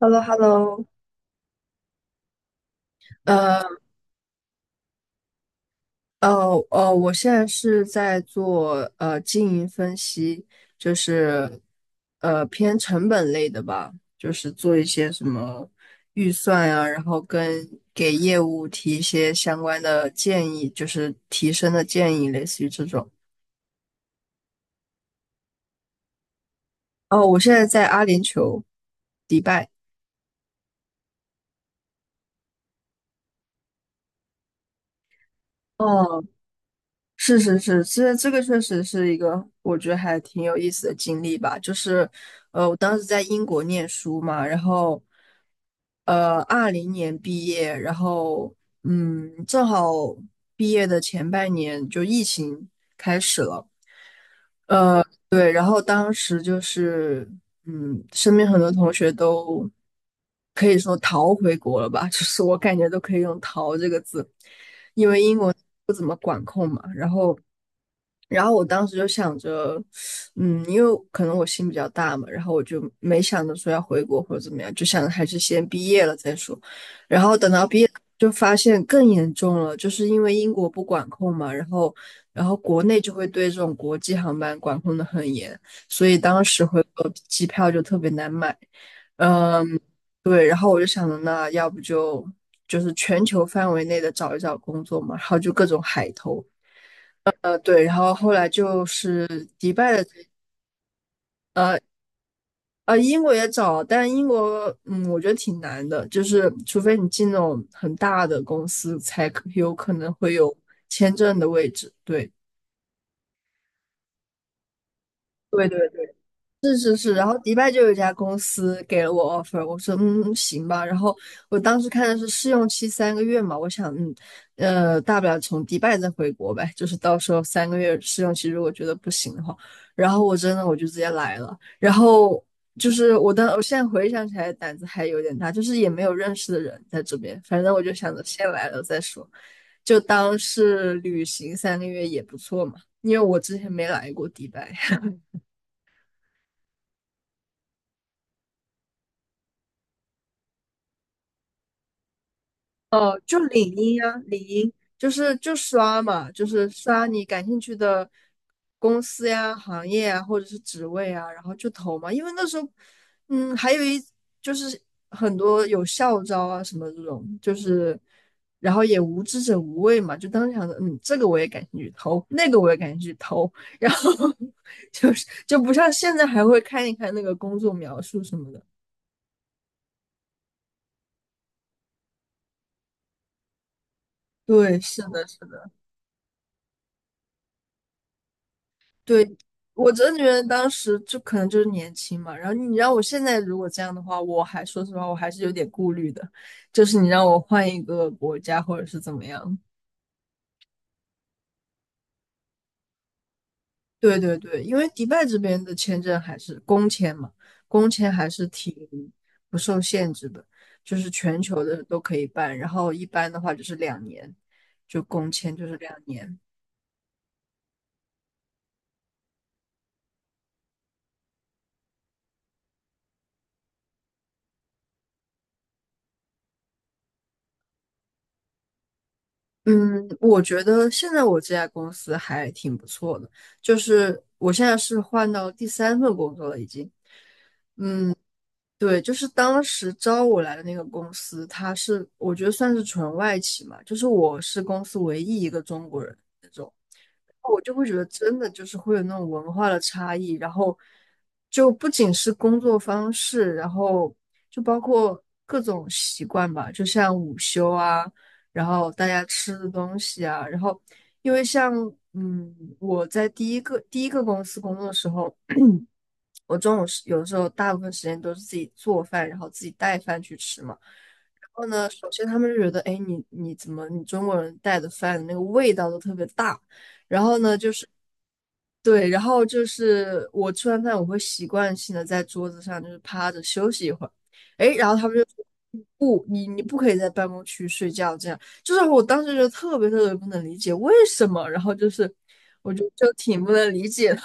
h e l l o h e l l o。 呃呃我现在是在做经营分析，就是偏成本类的吧，就是做一些什么预算啊，然后跟给业务提一些相关的建议，就是提升的建议，类似于这种。哦，我现在在阿联酋，迪拜。哦，是是是，这个确实是一个我觉得还挺有意思的经历吧。就是，我当时在英国念书嘛，然后，20年毕业，然后，嗯，正好毕业的前半年就疫情。对，然后当时就是，嗯，身边很多同学都可以说逃回国了吧，就是我感觉都可以用"逃"这个字。然后我当时就想着，嗯，因为可能我心比较大嘛，然后我就没想着说要回国或者怎么样，就想着还是先毕业了再说。然后等到毕业就发现更严重了，就是因为英国不管控嘛，然后国内就会对这种国际航班管控的很严，所以当时回国机票就特别难买。嗯，对，然后我就想着那要不就是全球范围内的找一找工作嘛，然后就各种海投。对，然后后来就是迪拜的。英国也找，但英国，嗯，我觉得挺难的，就是除非你进那种很大的公司，才可有可能会有签证的位置。对，对对对。是是是，然后迪拜就有一家公司给了我 offer，我说嗯嗯行吧。然后我当时看的是试用期三个月嘛，我想大不了从迪拜再回国呗，就是到时候三个月试用期如果觉得不行的话，然后我真的我就直接来了。然后就是我现在回想起来胆子还有点大，就是也没有认识的人在这边，反正我就想着先来了再说，就当是旅行三个月也不错嘛，因为我之前没来过迪拜。哦，就领英呀。领英就刷嘛，就是刷你感兴趣的公司呀、行业啊，或者是职位啊，然后就投嘛。因为那时候，嗯，还有一就是很多有校招啊什么这种，就是然后也无知者无畏嘛，就当时想着，嗯，这个我也感兴趣投，那个我也感兴趣投，然后 就不像现在还会看一看那个工作描述什么的。对，是的，是的。对，我真的觉得当时就可能就是年轻嘛，然后你让我现在如果这样的话，我还说实话，我还是有点顾虑的，就是你让我换一个国家或者是怎么样。对对对，因为迪拜这边的签证还是工签嘛，工签还是挺不受限制的，就是全球的都可以办，然后一般的话就是两年，就工签就是两年。嗯，我觉得现在我这家公司还挺不错的，就是我现在是换到第三份工作了，已经。对，就是当时招我来的那个公司，它是我觉得算是纯外企嘛，就是我是公司唯一一个中国人，那种。我就会觉得真的就是会有那种文化的差异，然后就不仅是工作方式，然后就包括各种习惯吧，就像午休啊，然后大家吃的东西啊，然后因为像我在第一个公司工作的时候，我中午是有的时候大部分时间都是自己做饭，然后自己带饭去吃嘛。然后呢，首先他们就觉得，哎，你怎么你中国人带的饭的那个味道都特别大，然后呢就是对，然后就是我吃完饭我会习惯性的在桌子上就是趴着休息一会儿。哎，然后他们就说不，你不可以在办公区睡觉，这样就是我当时就特别特别不能理解为什么，然后就是我就挺不能理解的。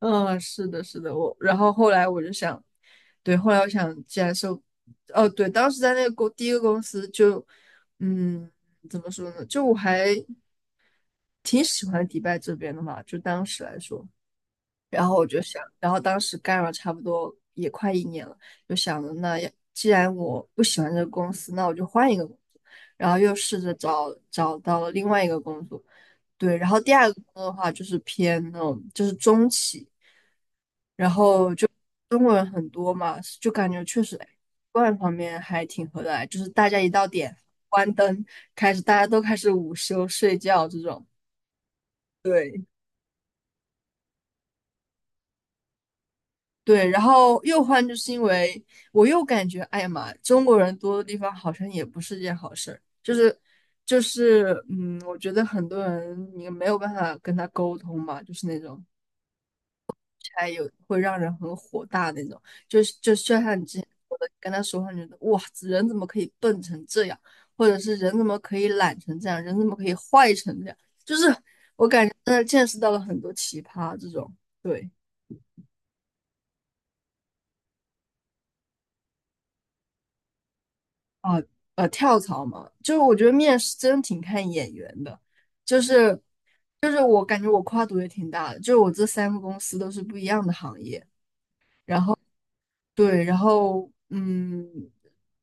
嗯，是的，是的，我然后后来我就想。对，后来我想，既然是，哦，对，当时在那个公第一个公司就，嗯，怎么说呢，就我还挺喜欢迪拜这边的嘛，就当时来说。然后我就想，然后当时干了差不多也快一年了，就想着那要既然我不喜欢这个公司，那我就换一个工作，然后又试着找到了另外一个工作。对，然后第二个工作的话就是偏那种就是中企。然后就中国人很多嘛，就感觉确实哎观方面还挺合得来，就是大家一到点关灯，开始大家都开始午休睡觉这种。对。对，然后又换就是因为我又感觉，哎呀妈，中国人多的地方好像也不是件好事儿，就是嗯，我觉得很多人你没有办法跟他沟通嘛，就是那种，还有会让人很火大那种，就像你之前说的，跟他说话，你觉得哇，人怎么可以笨成这样，或者是人怎么可以懒成这样，人怎么可以坏成这样，就是真的见识到了很多奇葩这种。对。跳槽嘛，就是我觉得面试真挺看眼缘的。就是就是我感觉我跨度也挺大的，就是我这三个公司都是不一样的行业。对，然后嗯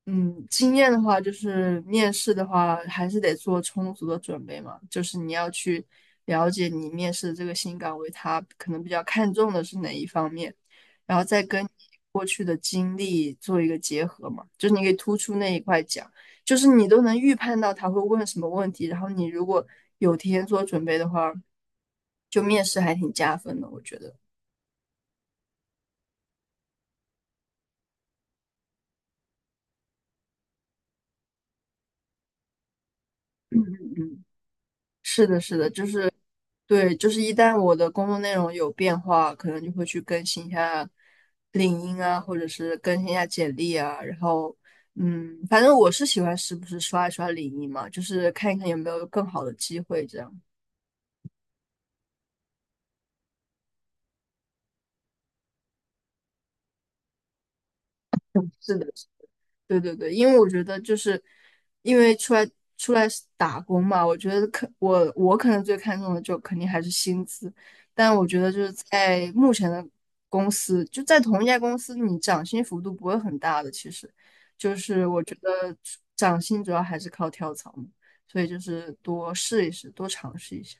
嗯，经验的话，就是面试的话，还是得做充足的准备嘛。就是你要去了解你面试的这个新岗位，他可能比较看重的是哪一方面，然后再跟你过去的经历做一个结合嘛。就是你可以突出那一块讲，就是你都能预判到他会问什么问题，然后你如果有提前做准备的话，就面试还挺加分的，我觉得。是的，是的，就是对，就是一旦我的工作内容有变化，可能就会去更新一下领英啊，或者是更新一下简历啊。然后，嗯，反正我是喜欢时不时刷一刷领英嘛，就是看一看有没有更好的机会这样。是的。对对对，因为我觉得就是因为出来打工嘛，我觉得我可能最看重的就肯定还是薪资，但我觉得就是在目前的公司，就在同一家公司，你涨薪幅度不会很大的，其实就是我觉得涨薪主要还是靠跳槽嘛，所以就是多试一试，多尝试一下。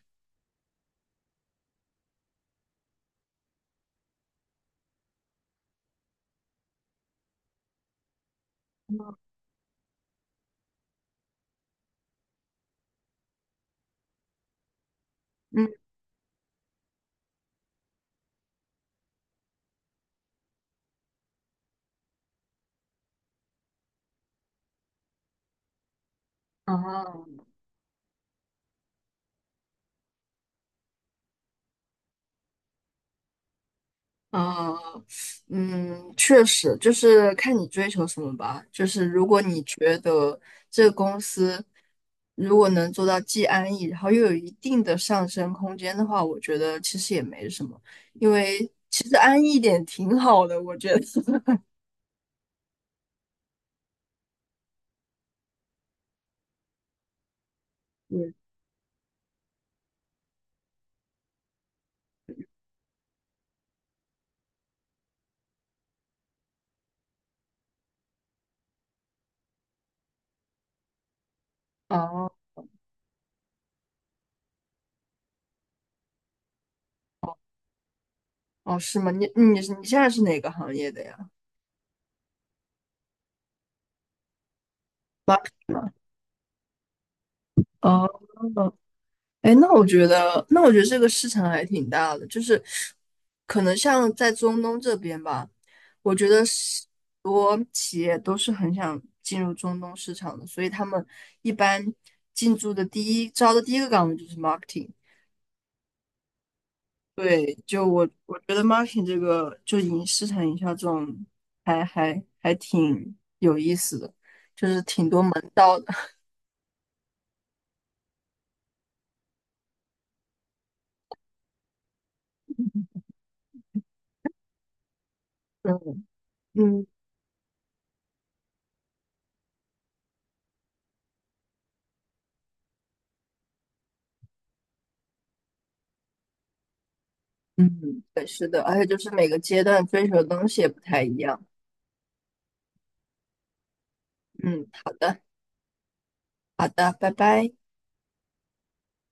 嗯，啊，啊，嗯，确实，就是看你追求什么吧。就是如果你觉得这个公司如果能做到既安逸，然后又有一定的上升空间的话，我觉得其实也没什么，因为其实安逸一点挺好的，我觉得。嗯。哦哦，是吗？你现在是哪个行业的呀？哦，哎，那我觉得，那我觉得这个市场还挺大的，就是可能像在中东这边吧，我觉得是很多企业都是很想进入中东市场的，所以他们一般进驻的第一个岗位就是 marketing。对，就我觉得 marketing 这个就市场营销这种还挺有意思的。嗯嗯嗯，对，是的，而且就是每个阶段追求的东西也不太一样。嗯，好的。好的，拜拜。